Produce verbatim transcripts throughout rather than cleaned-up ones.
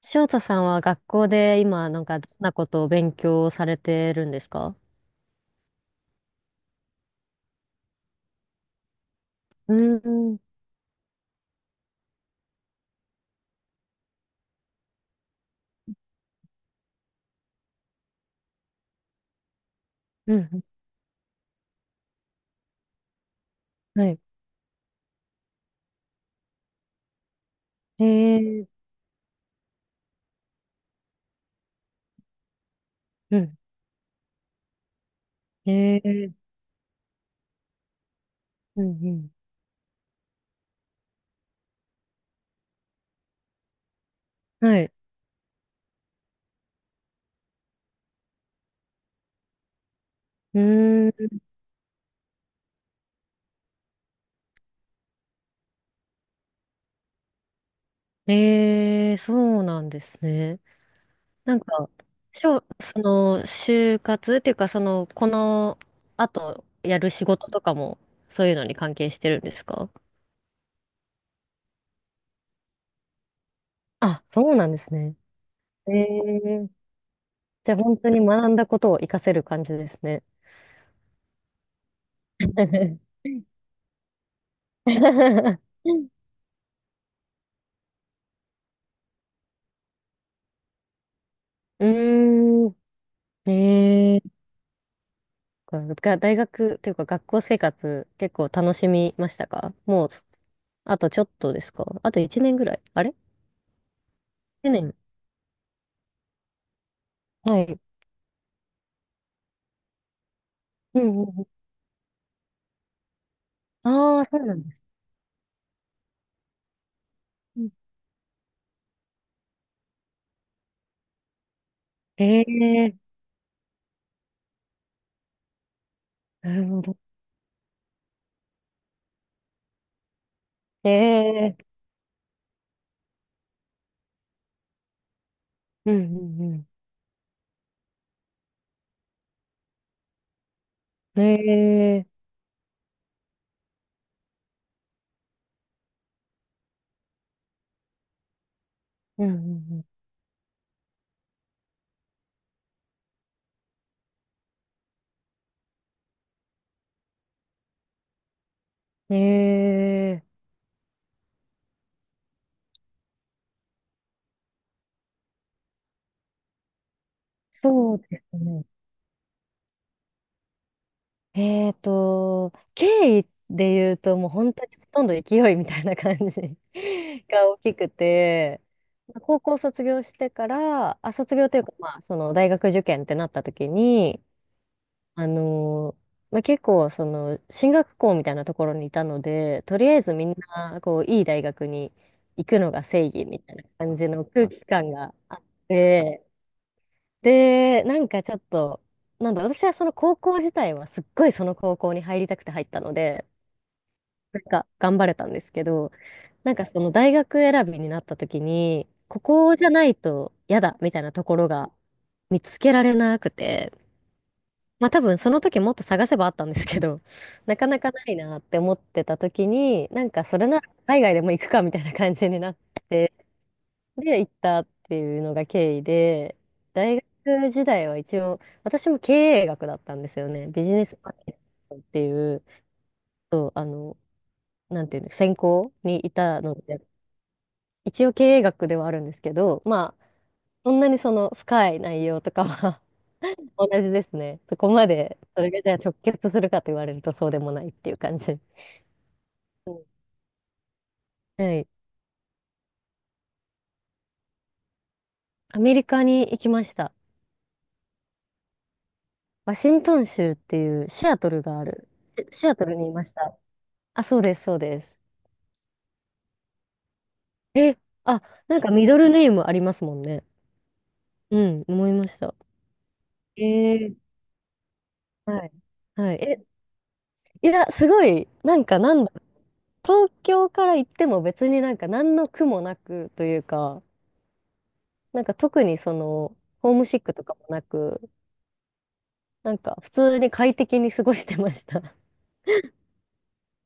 翔太さんは学校で今、なんか、どんなことを勉強されてるんですか？うーん。うん。はい。えー。うん。えー。うん。うん。はい。うーん。えー、そうなんですね。なんか、しょ、その、就活っていうか、その、この後やる仕事とかも、そういうのに関係してるんですか？あ、そうなんですね。えー、じゃあ本当に学んだことを活かせる感じですね。うーん。ええー。が、大学というか学校生活結構楽しみましたか？もう、あとちょっとですか？あといちねんぐらいあれ？ いち 年。はい。うんうんうん。ああ、そうなんです。うん。ええー。なるほど。ええー。うんうんうん。ええー。うんうんうん。ええー。そうですね。えーと、経緯で言うと、もう本当にほとんど勢いみたいな感じ が大きくて、まあ高校卒業してから、あ、卒業というか、まあ、その大学受験ってなった時に、あのーまあ、結構、その、進学校みたいなところにいたので、とりあえずみんな、こう、いい大学に行くのが正義みたいな感じの空気感があって、で、なんかちょっと、なんだ、私はその高校自体はすっごいその高校に入りたくて入ったので、なんか頑張れたんですけど、なんかその大学選びになった時に、ここじゃないと嫌だみたいなところが見つけられなくて、まあ多分その時もっと探せばあったんですけど、なかなかないなって思ってた時に、なんかそれなら海外でも行くかみたいな感じになっで、行ったっていうのが経緯で、大学時代は一応、私も経営学だったんですよね。ビジネスマーケットっていう、そう、あの、なんていうの、専攻にいたので、一応経営学ではあるんですけど、まあ、そんなにその深い内容とかは 同じですね。そこまで、それがじゃあ直結するかと言われるとそうでもないっていう感じ。うん。はい。アメリカに行きました。ワシントン州っていうシアトルがある。シシアトルにいました。あ、そうです、そうです。え、あ、なんかミドルネームありますもんね。うん、思いました。えー。はい。はい。え、いや、すごい、なんかなんだ、東京から行っても別になんか何の苦もなくというか、なんか特にその、ホームシックとかもなく、なんか普通に快適に過ごしてました。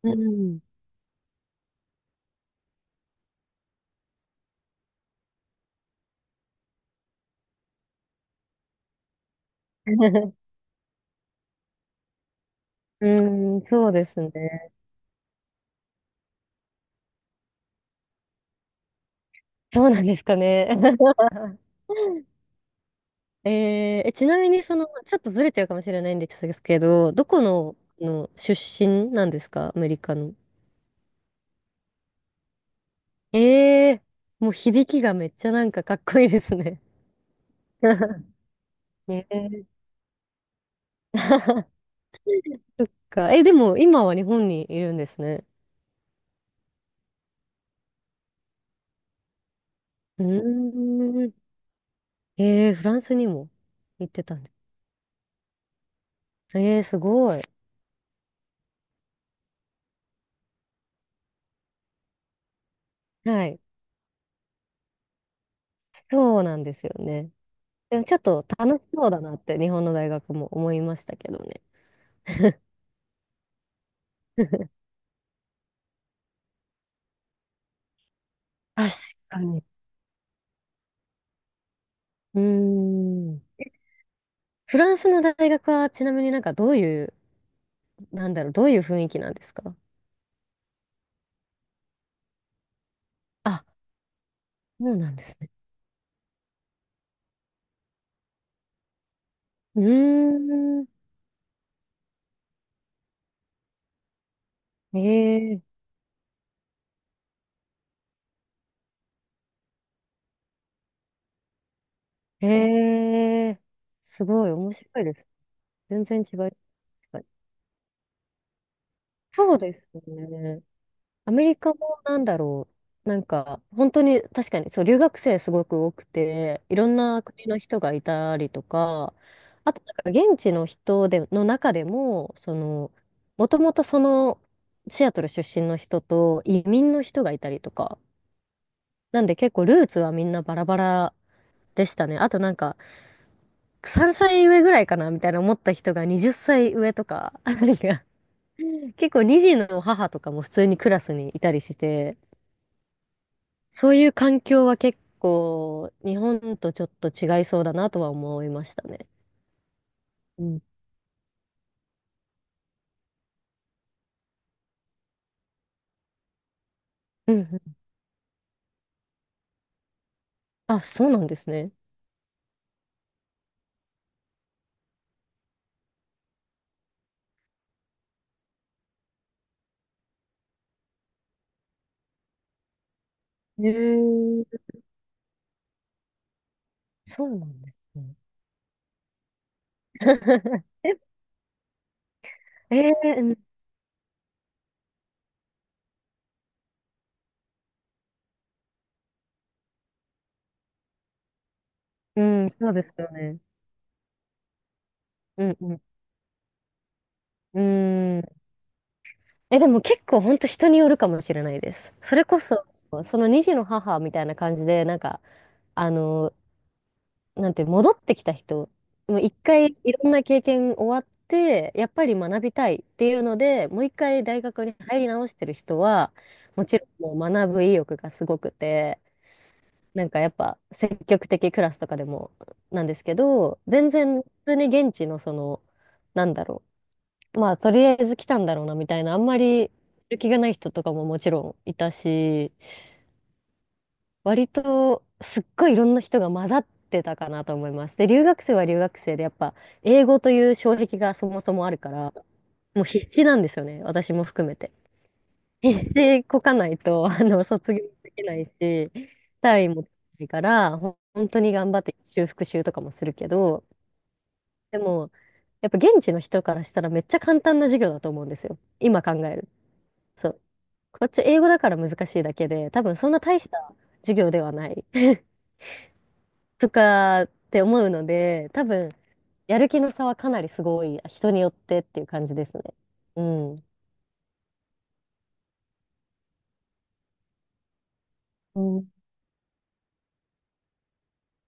うん。うーん、そうですね。そうなんですかね。えー、え、ちなみにその、ちょっとずれちゃうかもしれないんですけど、どこの、あの出身なんですか？アメリカの。ええ、もう響きがめっちゃなんかかっこいいですね。ねえ。そっか。え、でも今は日本にいるんですね。うーん。えー、フランスにも行ってたんです。えー、すごい。はい。そうなんですよね。でもちょっと楽しそうだなって日本の大学も思いましたけどね。確かに。うーん。フランスの大学はちなみになんかどういう、なんだろう、どういう雰囲気なんですか？あ、そうなんですね。うーん。ええ、ええ、すごい面白いです。全然違い。そうですね。アメリカもなんだろう。なんか、本当に確かに、そう、留学生すごく多くて、いろんな国の人がいたりとか、あと、なんか現地の人で、の中でも、その、もともとその、シアトル出身の人と移民の人がいたりとか、なんで結構ルーツはみんなバラバラでしたね。あとなんか、さんさい上ぐらいかなみたいな思った人がはたち上とか、なんか結構に児の母とかも普通にクラスにいたりして、そういう環境は結構日本とちょっと違いそうだなとは思いましたね。うん。うんうん。あ、そうなんですね。へえ。そうなんですね。ええ、うん。うん、そうですよね。うん、うん、うーん。え、でも結構本当人によるかもしれないです。それこそ、そのに児の母みたいな感じで、なんか、あの、なんて戻ってきた人、もう一回いろんな経験終わって、やっぱり学びたいっていうので、もう一回大学に入り直してる人は、もちろんもう学ぶ意欲がすごくて、なんかやっぱ積極的クラスとかでもなんですけど、全然普通に現地のその、なんだろう、まあとりあえず来たんだろうなみたいな、あんまりやる気がない人とかももちろんいたし、割とすっごいいろんな人が混ざってたかなと思います。で、留学生は留学生で、やっぱ英語という障壁がそもそもあるから、もう必死なんですよね、私も含めて。必死でこかないと、あの、卒業できないし、単位も取れないから、ほん本当に頑張って修復習とかもするけど、でも、やっぱ現地の人からしたらめっちゃ簡単な授業だと思うんですよ。今考える。そう。こっち英語だから難しいだけで、多分そんな大した授業ではない。とかって思うので、多分、やる気の差はかなりすごい、人によってっていう感じですね。うん。うん。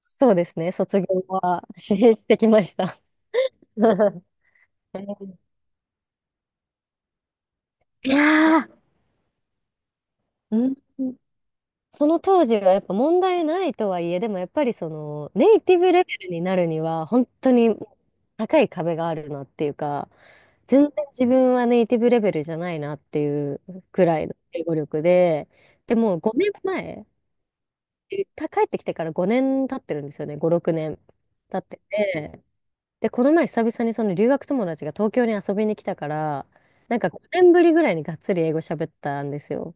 そうですね、卒業は支援してきました。いやー、うん、その当時はやっぱ問題ないとはいえ、でもやっぱりそのネイティブレベルになるには本当に高い壁があるなっていうか、全然自分はネイティブレベルじゃないなっていうくらいの英語力で、でもうごねんまええた帰ってきてからごねん経ってるんですよね、ご、ろくねん経ってて、で、この前久々にその留学友達が東京に遊びに来たから、なんかごねんぶりぐらいにがっつり英語喋ったんですよ。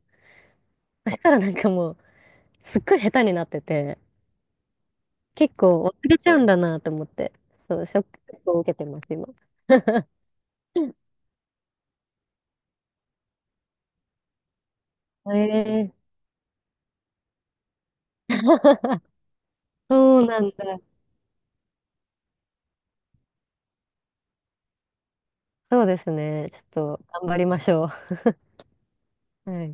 そしたらなんかもう、すっごい下手になってて、結構忘れちゃうんだなと思って、そう、ショックを受けてます、今。えー、そうなんだ。そうですね。ちょっと頑張りましょう。はい